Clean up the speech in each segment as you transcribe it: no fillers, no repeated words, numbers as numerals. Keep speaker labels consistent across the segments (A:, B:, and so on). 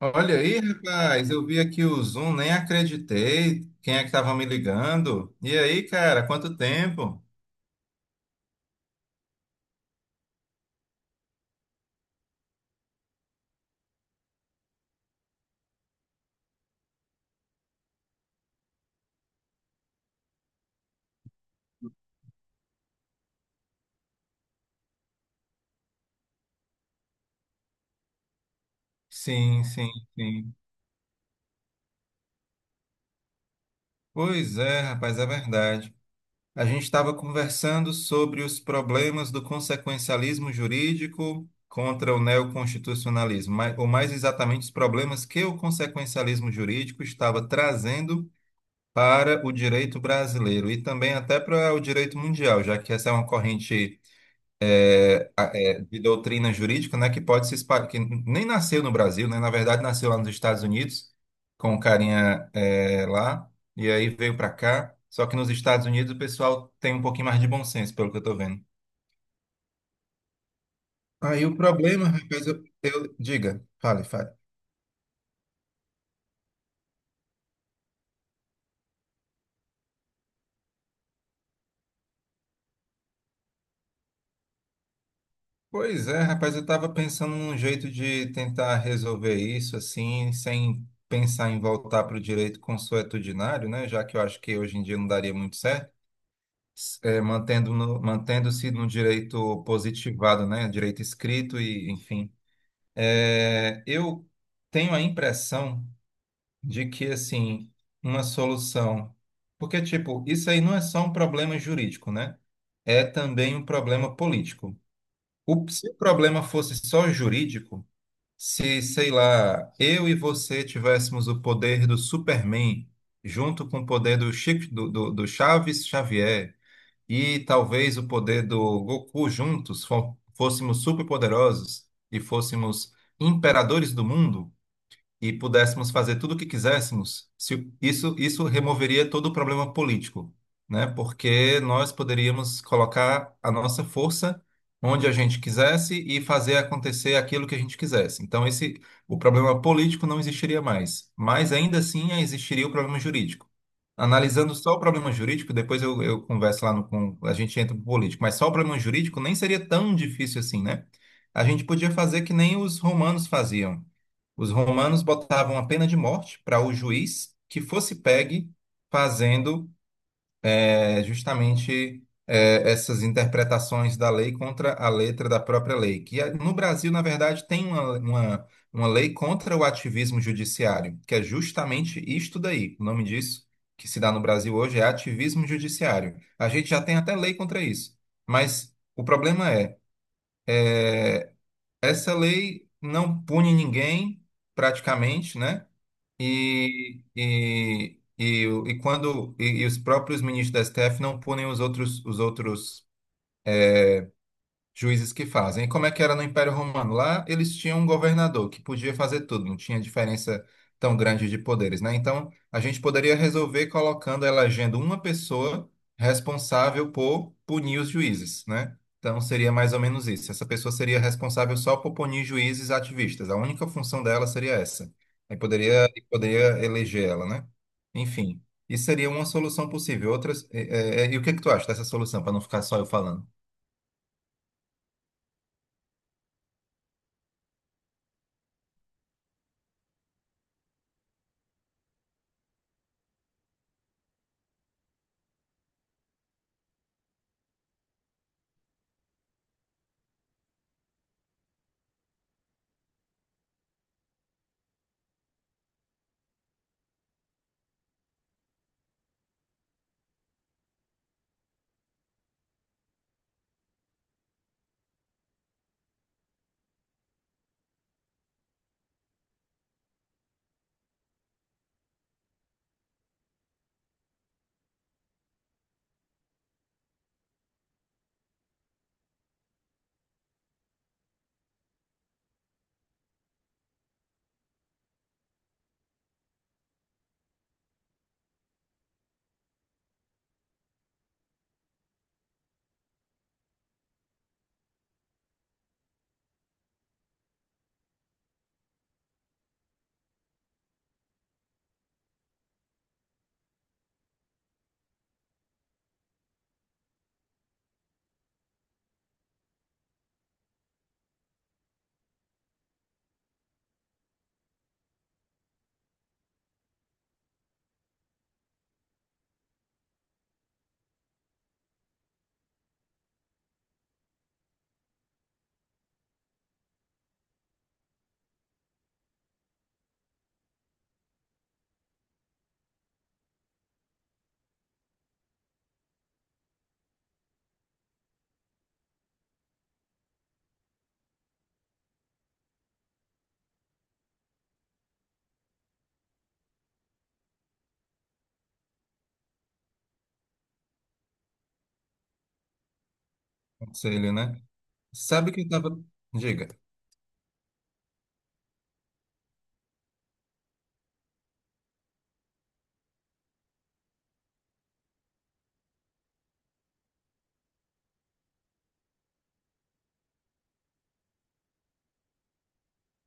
A: Olha aí, rapaz, eu vi aqui o Zoom, nem acreditei. Quem é que estava me ligando? E aí, cara, quanto tempo? Sim, sim, sim. Pois é, rapaz, é verdade. A gente estava conversando sobre os problemas do consequencialismo jurídico contra o neoconstitucionalismo, ou mais exatamente os problemas que o consequencialismo jurídico estava trazendo para o direito brasileiro e também até para o direito mundial, já que essa é uma corrente, de doutrina jurídica, né, que pode se espalhar, que nem nasceu no Brasil, né, na verdade nasceu lá nos Estados Unidos, com um carinha lá, e aí veio para cá, só que nos Estados Unidos o pessoal tem um pouquinho mais de bom senso, pelo que eu tô vendo. Aí o problema, rapaz, diga, fale, fale. Pois é, rapaz, eu tava pensando num jeito de tentar resolver isso, assim, sem pensar em voltar para o direito consuetudinário, né, já que eu acho que hoje em dia não daria muito certo. Mantendo-se no direito positivado, né? Direito escrito e, enfim. É, eu tenho a impressão de que, assim, uma solução... Porque, tipo, isso aí não é só um problema jurídico, né? É também um problema político. Se o problema fosse só jurídico, se, sei lá, eu e você tivéssemos o poder do Superman junto com o poder do Chico, do, do Chaves Xavier, e talvez o poder do Goku juntos fôssemos superpoderosos e fôssemos imperadores do mundo, e pudéssemos fazer tudo o que quiséssemos, isso removeria todo o problema político, né? Porque nós poderíamos colocar a nossa força onde a gente quisesse e fazer acontecer aquilo que a gente quisesse. Então, o problema político não existiria mais, mas ainda assim existiria o problema jurídico. Analisando só o problema jurídico, depois eu converso lá no, com, a gente entra pro político, mas só o problema jurídico nem seria tão difícil assim, né? A gente podia fazer que nem os romanos faziam. Os romanos botavam a pena de morte para o juiz que fosse pegue fazendo justamente, é, essas interpretações da lei contra a letra da própria lei. Que é, no Brasil, na verdade, tem uma lei contra o ativismo judiciário, que é justamente isto daí. O nome disso que se dá no Brasil hoje é ativismo judiciário. A gente já tem até lei contra isso. Mas o problema é essa lei não pune ninguém, praticamente, né? E quando os próprios ministros da STF não punem os outros juízes que fazem. E como é que era no Império Romano? Lá eles tinham um governador que podia fazer tudo, não tinha diferença tão grande de poderes, né? Então, a gente poderia resolver colocando, elegendo uma pessoa responsável por punir os juízes, né? Então, seria mais ou menos isso. Essa pessoa seria responsável só por punir juízes ativistas. A única função dela seria essa. Aí poderia eleger ela, né? Enfim, isso seria uma solução possível. Outras, e o que que tu acha dessa solução, para não ficar só eu falando? Conselho, né? Sabe que eu tava. Diga.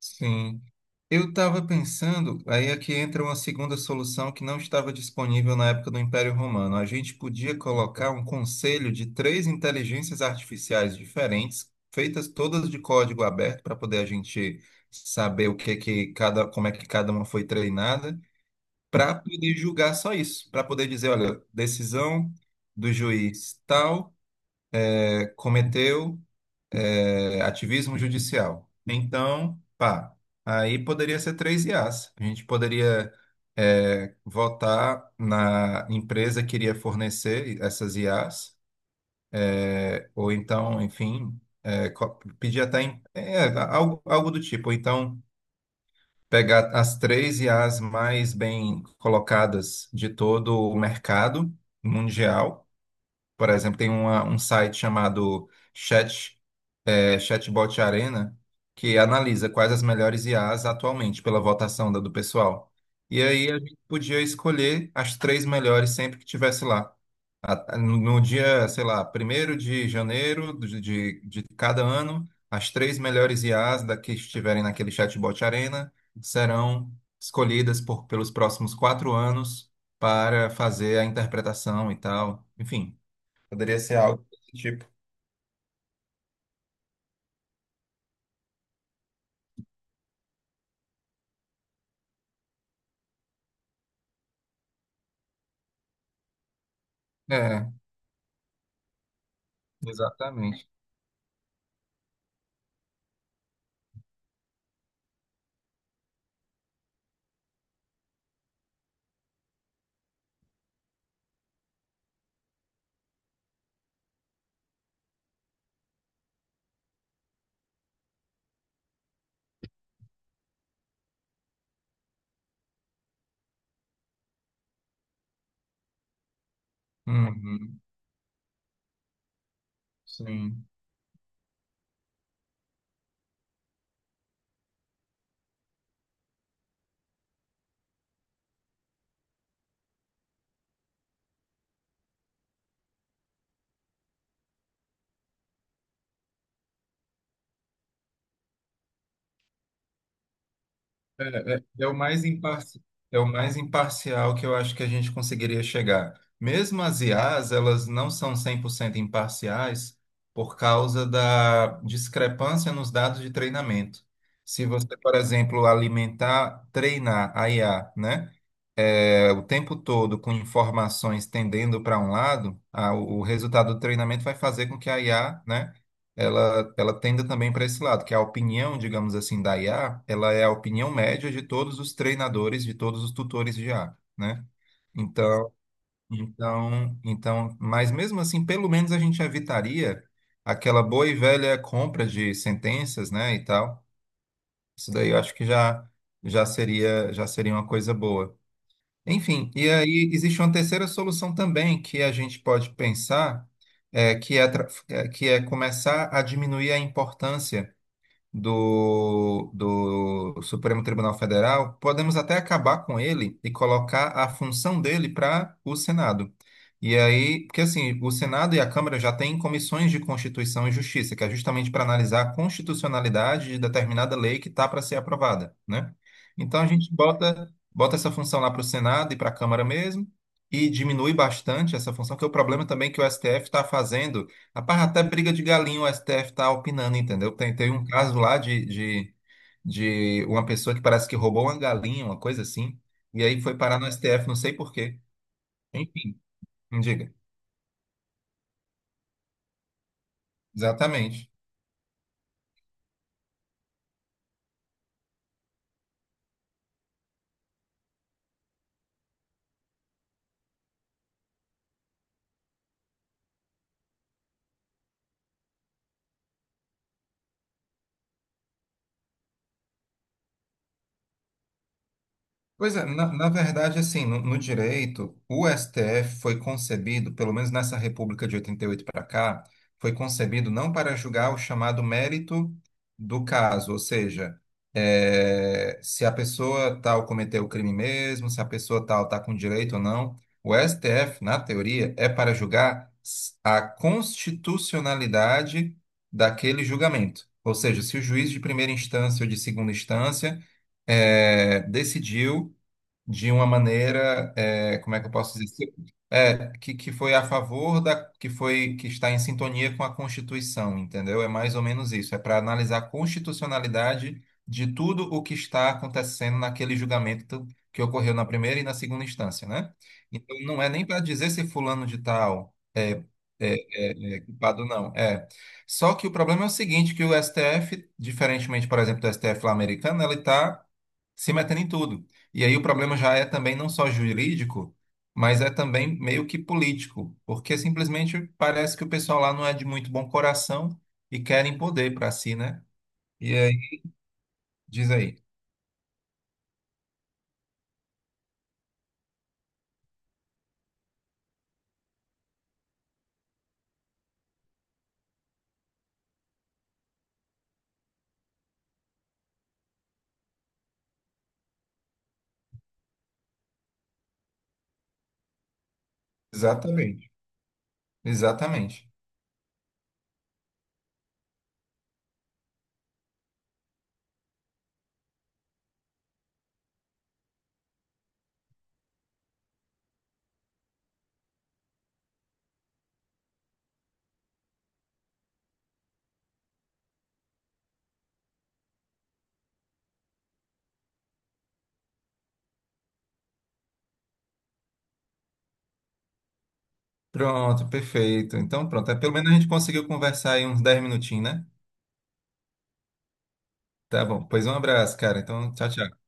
A: Sim. Eu estava pensando, aí aqui entra uma segunda solução que não estava disponível na época do Império Romano. A gente podia colocar um conselho de três inteligências artificiais diferentes, feitas todas de código aberto, para poder a gente saber o que que cada, como é que cada uma foi treinada, para poder julgar só isso, para poder dizer, olha, decisão do juiz tal, cometeu ativismo judicial. Então, pá, aí poderia ser três IAs. A gente poderia votar na empresa que iria fornecer essas IAs, ou então, enfim, pedir até algo do tipo. Ou então, pegar as três IAs mais bem colocadas de todo o mercado mundial. Por exemplo, tem um site chamado Chatbot Arena, que analisa quais as melhores IAs atualmente pela votação do pessoal. E aí a gente podia escolher as três melhores sempre que tivesse lá. No dia, sei lá, primeiro de janeiro de cada ano, as três melhores IAs da que estiverem naquele Chatbot Arena serão escolhidas pelos próximos 4 anos para fazer a interpretação e tal. Enfim. Poderia ser algo desse tipo. É, exatamente. Uhum, sim. É, é, é o mais imparci... é o mais imparcial que eu acho que a gente conseguiria chegar. Mesmo as IAs, elas não são 100% imparciais por causa da discrepância nos dados de treinamento. Se você, por exemplo, alimentar, treinar a IA, né? O tempo todo com informações tendendo para um lado, o resultado do treinamento vai fazer com que a IA, né, ela tenda também para esse lado, que a opinião, digamos assim, da IA, ela é a opinião média de todos os treinadores, de todos os tutores de IA, né? Então, mas mesmo assim, pelo menos a gente evitaria aquela boa e velha compra de sentenças, né, e tal. Isso daí eu acho que já seria uma coisa boa. Enfim, e aí existe uma terceira solução também que a gente pode pensar, que é começar a diminuir a importância do Supremo Tribunal Federal, podemos até acabar com ele e colocar a função dele para o Senado. E aí, porque assim, o Senado e a Câmara já têm comissões de Constituição e Justiça, que é justamente para analisar a constitucionalidade de determinada lei que está para ser aprovada, né? Então a gente bota essa função lá para o Senado e para a Câmara mesmo. E diminui bastante essa função, porque o problema também é que o STF está fazendo. Rapaz, até briga de galinha o STF tá opinando, entendeu? Teve um caso lá de uma pessoa que parece que roubou uma galinha, uma coisa assim, e aí foi parar no STF, não sei por quê. Enfim, me diga. Exatamente. Pois é, na verdade, assim, no direito, o STF foi concebido, pelo menos nessa República de 88 para cá, foi concebido não para julgar o chamado mérito do caso, ou seja, se a pessoa tal cometeu o crime mesmo, se a pessoa tal está com direito ou não. O STF, na teoria, é para julgar a constitucionalidade daquele julgamento. Ou seja, se o juiz de primeira instância ou de segunda instância decidiu de uma maneira, como é que eu posso dizer? Que foi a favor da, que está em sintonia com a Constituição, entendeu? É mais ou menos isso. É para analisar a constitucionalidade de tudo o que está acontecendo naquele julgamento que ocorreu na primeira e na segunda instância, né? Então, não é nem para dizer se fulano de tal é, é culpado, não. É. Só que o problema é o seguinte, que o STF, diferentemente, por exemplo, do STF lá americano, ele está se metendo em tudo. E aí o problema já é também não só jurídico, mas é também meio que político, porque simplesmente parece que o pessoal lá não é de muito bom coração e querem poder para si, né? E aí, diz aí. Exatamente. Exatamente. Pronto, perfeito. Então, pronto. É, pelo menos a gente conseguiu conversar aí uns 10 minutinhos, né? Tá bom. Pois um abraço, cara. Então, tchau, tchau.